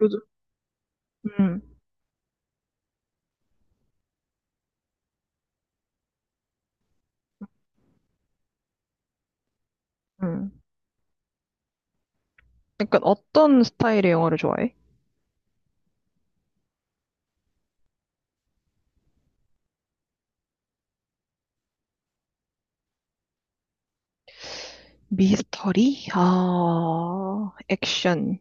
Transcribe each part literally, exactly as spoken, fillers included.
요즘, 음, 음. 약간 어떤 스타일의 영화를 좋아해? 미스터리? 아, 액션.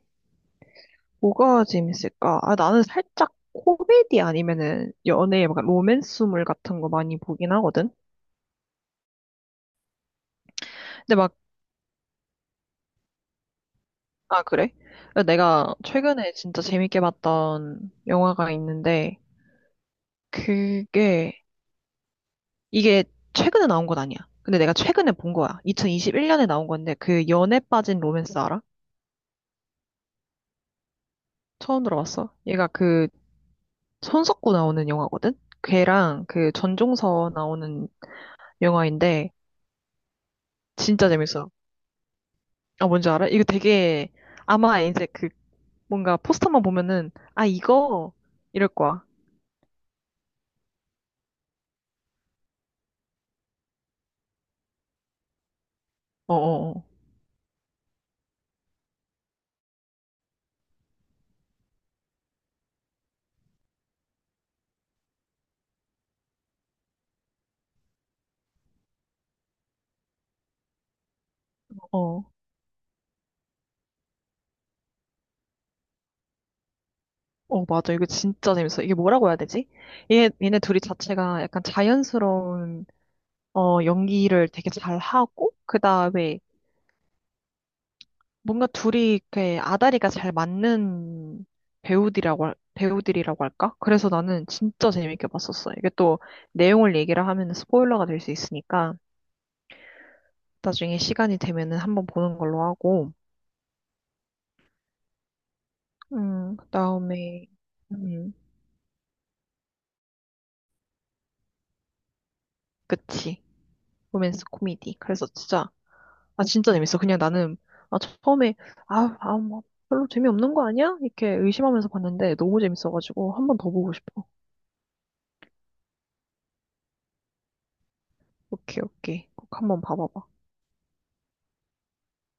뭐가 재밌을까? 아, 나는 살짝 코미디 아니면은 연애, 막 로맨스물 같은 거 많이 보긴 하거든? 근데 막, 아, 그래? 내가 최근에 진짜 재밌게 봤던 영화가 있는데, 그게, 이게 최근에 나온 건 아니야. 근데 내가 최근에 본 거야. 이천이십일 년에 나온 건데, 그 연애 빠진 로맨스 알아? 처음 들어봤어. 얘가 그 손석구 나오는 영화거든? 걔랑 그 전종서 나오는 영화인데 진짜 재밌어. 아, 뭔지 알아? 이거 되게 아마 이제 그 뭔가 포스터만 보면은 아, 이거 이럴 거야. 어어어. 어, 어, 어. 어, 맞아. 이거 진짜 재밌어. 이게 뭐라고 해야 되지? 얘, 얘네 둘이 자체가 약간 자연스러운 어, 연기를 되게 잘 하고 그다음에 뭔가 둘이 이렇게 아다리가 잘 맞는 배우들이라고, 할- 배우들이라고 할까? 그래서 나는 진짜 재밌게 봤었어. 이게 또 내용을 얘기를 하면 스포일러가 될 수 있으니까 나중에 시간이 되면은 한번 보는 걸로 하고, 음, 그다음에, 음, 그치. 로맨스 코미디. 그래서 진짜, 아, 진짜 재밌어. 그냥 나는, 아, 처음에, 아, 아, 뭐, 별로 재미없는 거 아니야? 이렇게 의심하면서 봤는데 너무 재밌어가지고 한 번 더 보고 싶어. 오케이, 오케이. 꼭 한번 봐봐봐.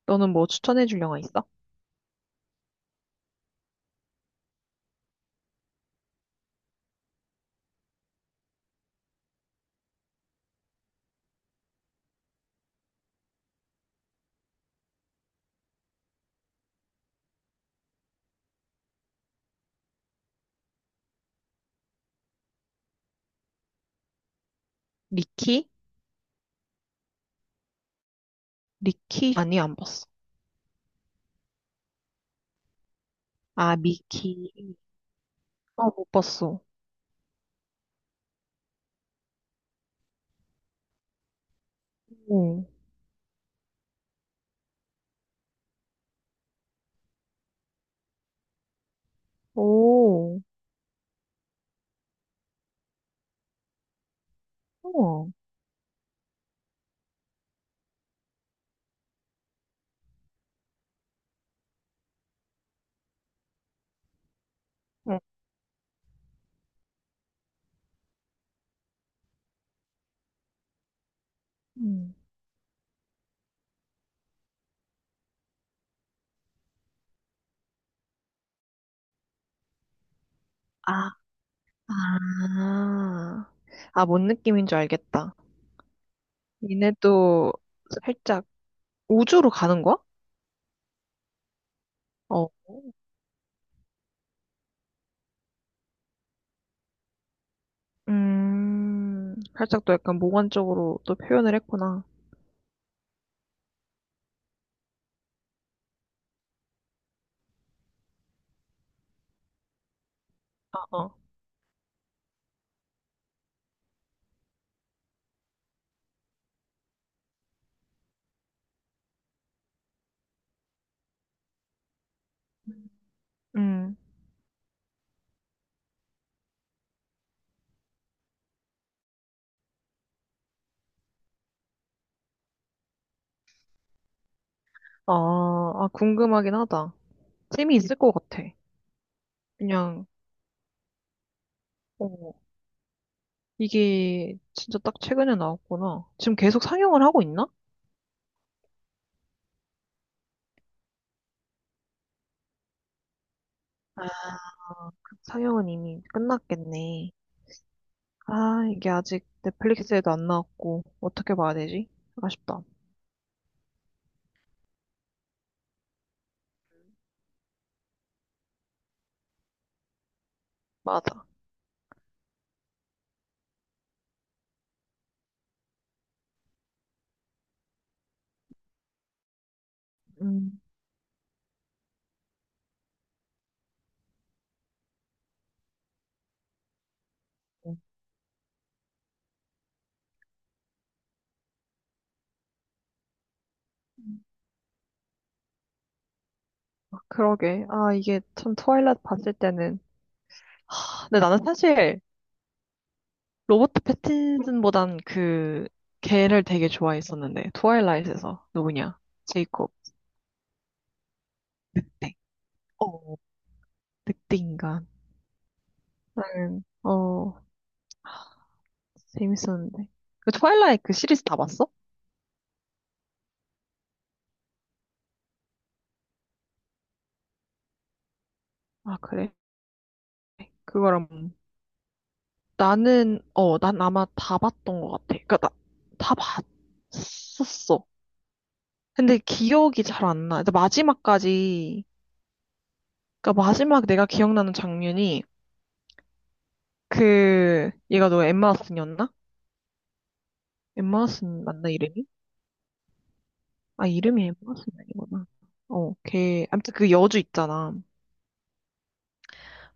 너는 뭐 추천해줄 영화 있어? 미키? 미키? 아니, 안 봤어. 아, 미키. 어, 못 봤어. 오 오, 우와. 응. 음. 아, 아. 아, 뭔 느낌인 줄 알겠다. 니네도 살짝 우주로 가는 거야? 어. 음, 살짝 또 약간 몽환적으로 또 표현을 했구나. 어, 어. 음. 아, 아, 궁금하긴 하다. 재미있을 것 같아. 그냥, 어. 이게 진짜 딱 최근에 나왔구나. 지금 계속 상영을 하고 있나? 아, 그 상영은 이미 끝났겠네. 아, 이게 아직 넷플릭스에도 안 나왔고, 어떻게 봐야 되지? 아쉽다. 맞아. 음. 음. 아, 그러게. 아, 이게 참 트와일라이트 봤을 때는. 근데 나는 사실 로버트 패틴슨보단 그 걔를 되게 좋아했었는데. 트와일라이트에서 누구냐? 제이콥. 늑대. 어, 늑대 인간. 나는 어, 재밌었는데. 그 트와일라이트 그 시리즈 다 봤어? 아, 그래? 그거랑 나는 어, 난 아마 다 봤던 것 같아. 그러니까 나, 다 봤었어. 근데 기억이 잘 안 나. 근데 마지막까지 그러니까 마지막 내가 기억나는 장면이 그 얘가 너 엠마 왓슨이었나? 엠마 왓슨 맞나 이름이? 아, 이름이 엠마 왓슨 아니구나. 어, 걔 아무튼 그 여주 있잖아.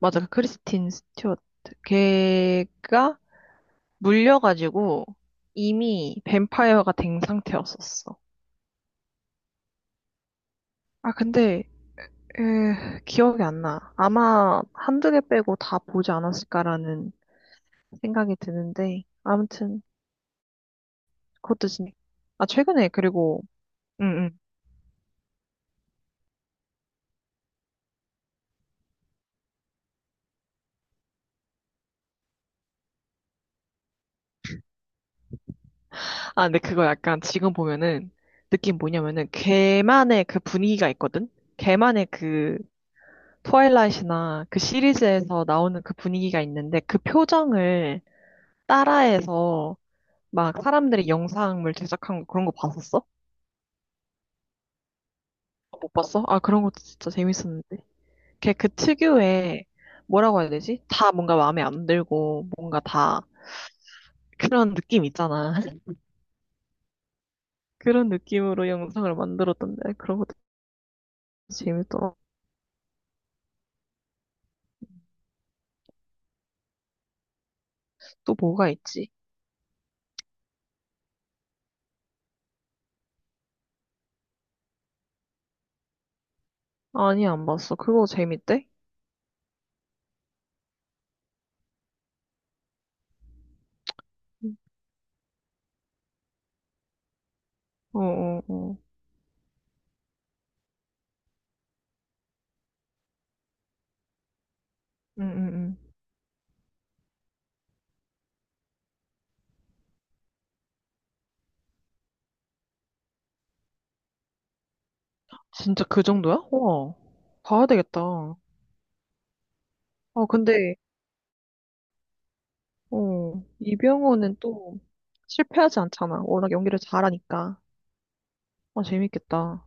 맞아. 그 크리스틴 스튜어트. 걔가 물려가지고 이미 뱀파이어가 된 상태였었어. 아, 근데 에, 기억이 안 나. 아마 한두 개 빼고 다 보지 않았을까라는 생각이 드는데 아무튼 그것도 진짜 아, 최근에 그리고 응응. 아, 근데 그거 약간 지금 보면은 느낌 뭐냐면은 걔만의 그 분위기가 있거든. 걔만의 그 트와일라이트나 그 시리즈에서 나오는 그 분위기가 있는데 그 표정을 따라해서 막 사람들이 영상을 제작한 거 그런 거 봤었어? 못 봤어? 아, 그런 것도 진짜 재밌었는데. 걔 그 특유의 뭐라고 해야 되지? 다 뭔가 마음에 안 들고 뭔가 다 그런 느낌 있잖아. 그런 느낌으로 영상을 만들었던데 그런 것도 재밌더라. 또 뭐가 있지? 아니, 안 봤어. 그거 재밌대? 어, 어, 어. 응, 응, 응. 진짜 그 정도야? 우와. 봐야 되겠다. 아, 근데, 어, 이병헌은 또 실패하지 않잖아. 워낙 연기를 잘하니까. 어, 재밌겠다.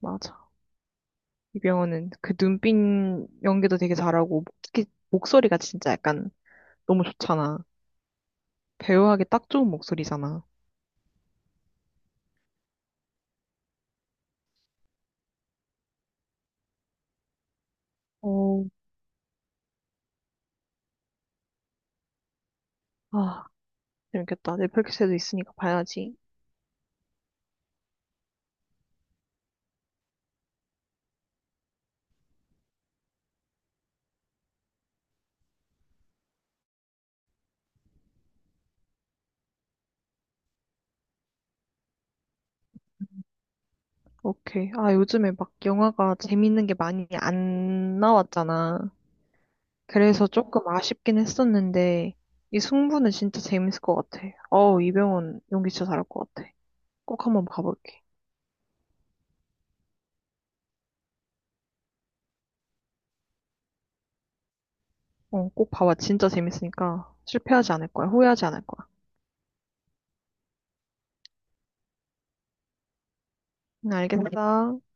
맞아. 이병헌은 그 눈빛 연기도 되게 잘하고, 특히 목소리가 진짜 약간 너무 좋잖아. 배우하기 딱 좋은 목소리잖아. 어, 아, 재밌겠다. 넷플릭스에도 있으니까 봐야지. 오케이. 아, 요즘에 막 영화가 재밌는 게 많이 안 나왔잖아. 그래서 조금 아쉽긴 했었는데, 이 승부는 진짜 재밌을 것 같아. 어우, 이병헌 연기 진짜 잘할 것 같아. 꼭 한번 봐볼게. 어, 꼭 봐봐. 진짜 재밌으니까 실패하지 않을 거야. 후회하지 않을 거야. 응, 음. 알겠어.